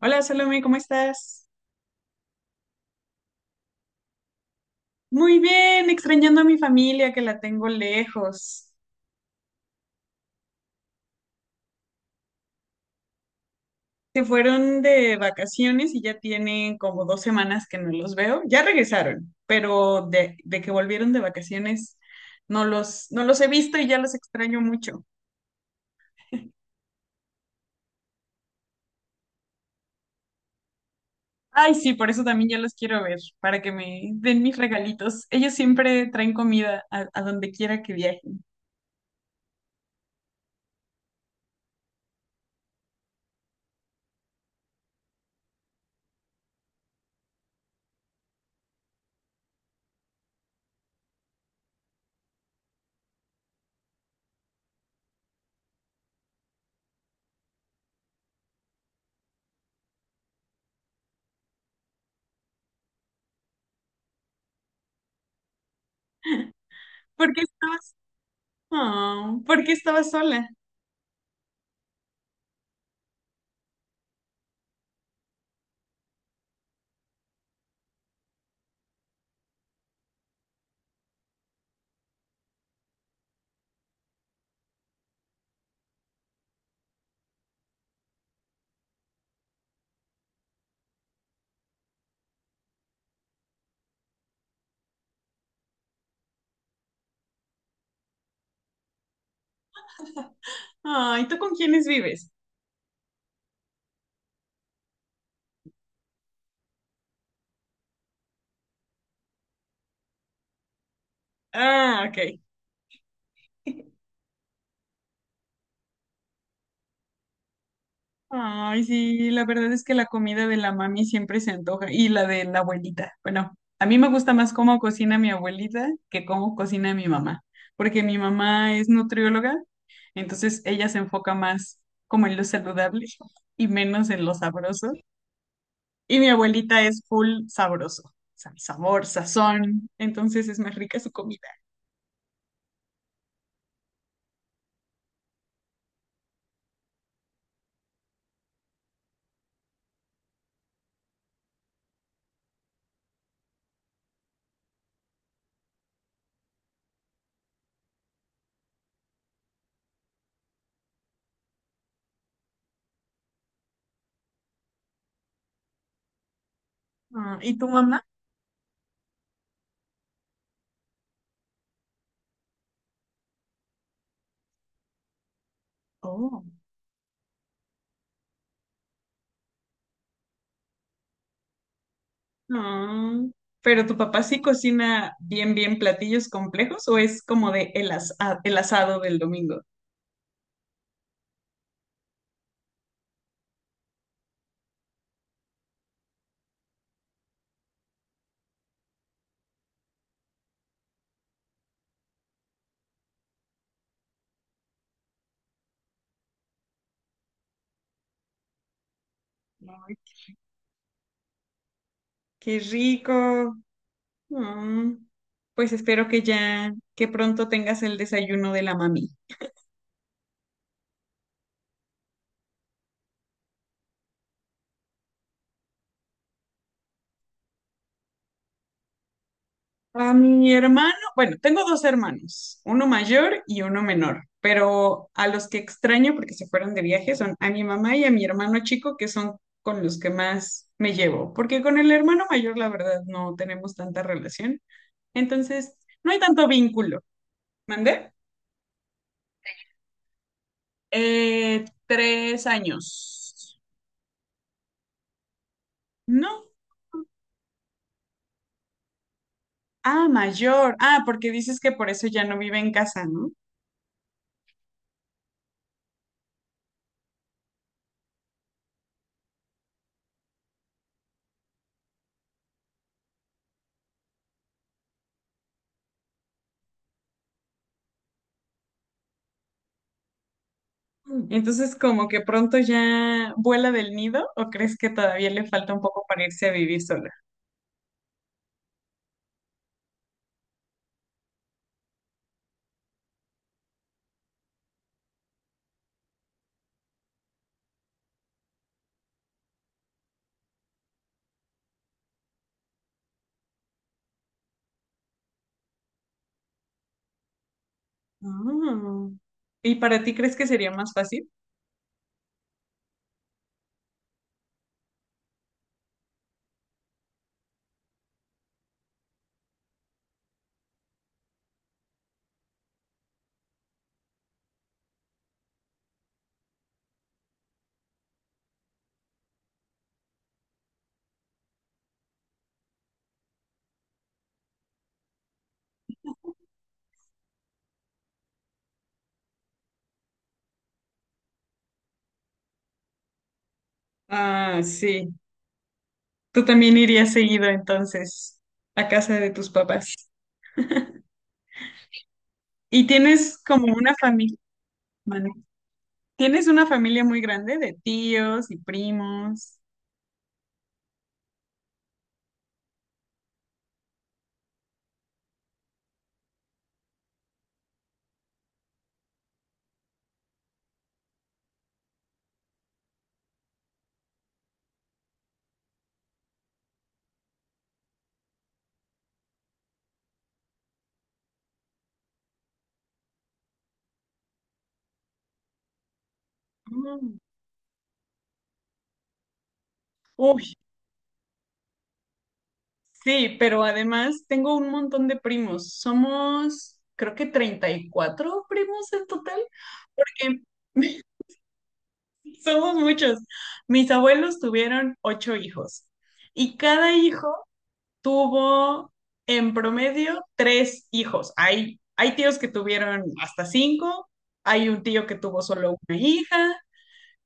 Hola Salome, ¿cómo estás? Muy bien, extrañando a mi familia que la tengo lejos. Se fueron de vacaciones y ya tienen como 2 semanas que no los veo. Ya regresaron, pero de que volvieron de vacaciones no los he visto y ya los extraño mucho. Ay, sí, por eso también ya los quiero ver, para que me den mis regalitos. Ellos siempre traen comida a donde quiera que viajen. ¿Por qué estabas? Oh, ¿por qué estabas sola? Ay, ¿tú con quiénes vives? Ah, ok. Ay, sí, la verdad es que la comida de la mami siempre se antoja y la de la abuelita. Bueno, a mí me gusta más cómo cocina mi abuelita que cómo cocina mi mamá, porque mi mamá es nutrióloga, entonces ella se enfoca más como en lo saludable y menos en lo sabroso. Y mi abuelita es full sabroso, o sea, sabor, sazón, entonces es más rica su comida. Ah, ¿y tu mamá? Oh. Ah, pero tu papá sí cocina bien, bien platillos complejos o es como de el, el asado del domingo. Ay, qué rico. Ah, pues espero que ya, que pronto tengas el desayuno de la mami. A mi hermano, bueno, tengo dos hermanos, uno mayor y uno menor, pero a los que extraño porque se fueron de viaje son a mi mamá y a mi hermano chico, que son con los que más me llevo, porque con el hermano mayor, la verdad, no tenemos tanta relación, entonces no hay tanto vínculo. ¿Mandé? 3 años. No. Ah, mayor. Ah, porque dices que por eso ya no vive en casa, ¿no? Entonces, como que pronto ya vuela del nido, ¿o crees que todavía le falta un poco para irse a vivir sola? Ah, ¿Y para ti crees que sería más fácil? Ah, sí. Tú también irías seguido entonces a casa de tus papás. Y tienes como una familia, tienes una familia muy grande de tíos y primos. Mm, uy, sí, pero además tengo un montón de primos. Somos, creo que 34 primos en total. Porque somos muchos. Mis abuelos tuvieron ocho hijos y cada hijo tuvo en promedio tres hijos. Hay tíos que tuvieron hasta cinco, hay un tío que tuvo solo una hija,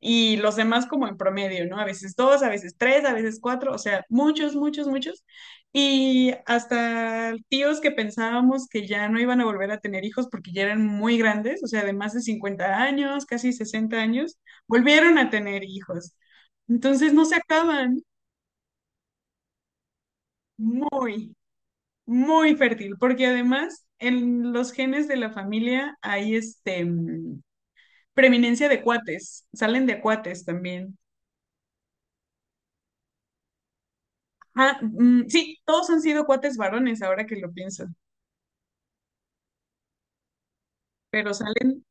y los demás como en promedio, ¿no? A veces dos, a veces tres, a veces cuatro, o sea, muchos, muchos, muchos. Y hasta tíos que pensábamos que ya no iban a volver a tener hijos porque ya eran muy grandes, o sea, de más de 50 años, casi 60 años, volvieron a tener hijos. Entonces no se acaban muy, muy fértil, porque además en los genes de la familia hay este preeminencia de cuates, salen de cuates también. Ah, mm, sí, todos han sido cuates varones, ahora que lo pienso, pero salen...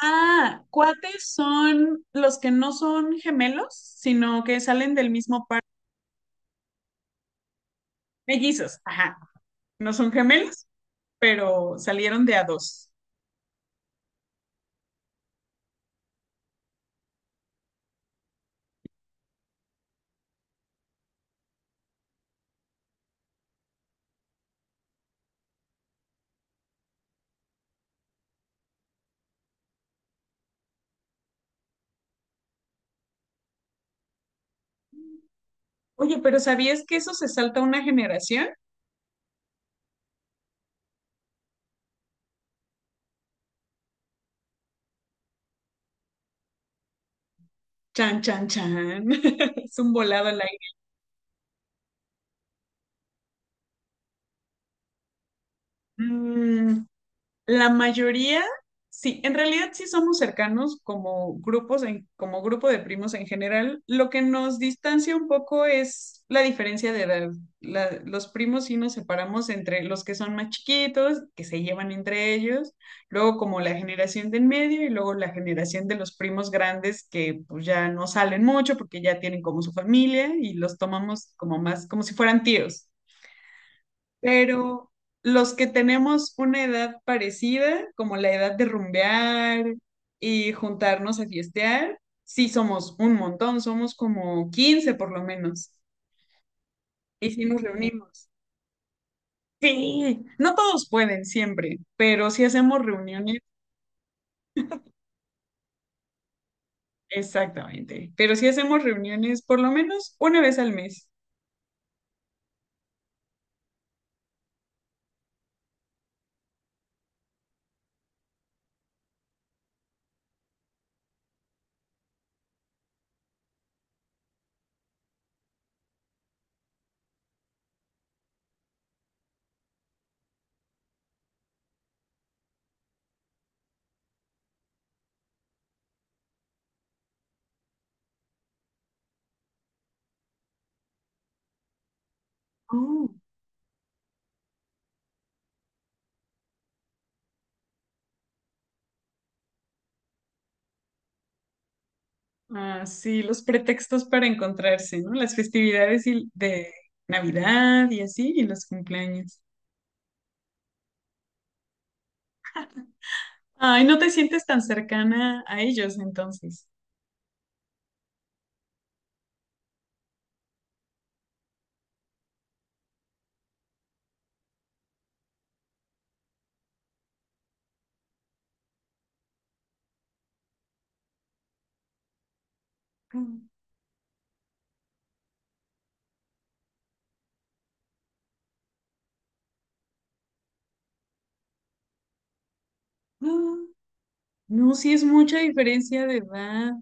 Ah, cuates son los que no son gemelos, sino que salen del mismo par. Mellizos, ajá, no son gemelos, pero salieron de a dos. Oye, pero ¿sabías que eso se salta una generación? Chan, chan, chan. Es un volado al aire. Mm, La mayoría, sí, en realidad sí somos cercanos como grupos, en, como grupo de primos en general. Lo que nos distancia un poco es la diferencia de edad. Los primos sí nos separamos entre los que son más chiquitos, que se llevan entre ellos, luego como la generación de en medio y luego la generación de los primos grandes que pues ya no salen mucho porque ya tienen como su familia y los tomamos como más, como si fueran tíos. Pero los que tenemos una edad parecida, como la edad de rumbear y juntarnos a fiestear, sí somos un montón, somos como 15 por lo menos. Y sí nos reunimos. Sí, no todos pueden siempre, pero sí hacemos reuniones, exactamente, pero sí hacemos reuniones por lo menos una vez al mes. Oh. Ah, sí, los pretextos para encontrarse, ¿no? Las festividades de Navidad y así, y los cumpleaños. Ay, no te sientes tan cercana a ellos entonces. Mm. Ah, no, sí es mucha diferencia de edad.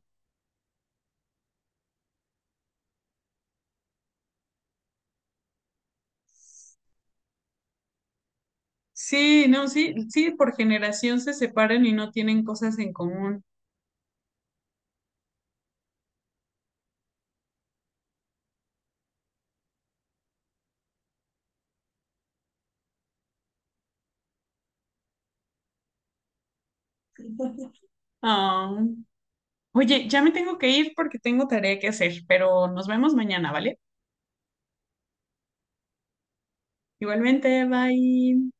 Sí, no, sí, sí, por generación se separan y no tienen cosas en común. Ah. Oye, ya me tengo que ir porque tengo tarea que hacer, pero nos vemos mañana, ¿vale? Igualmente, bye.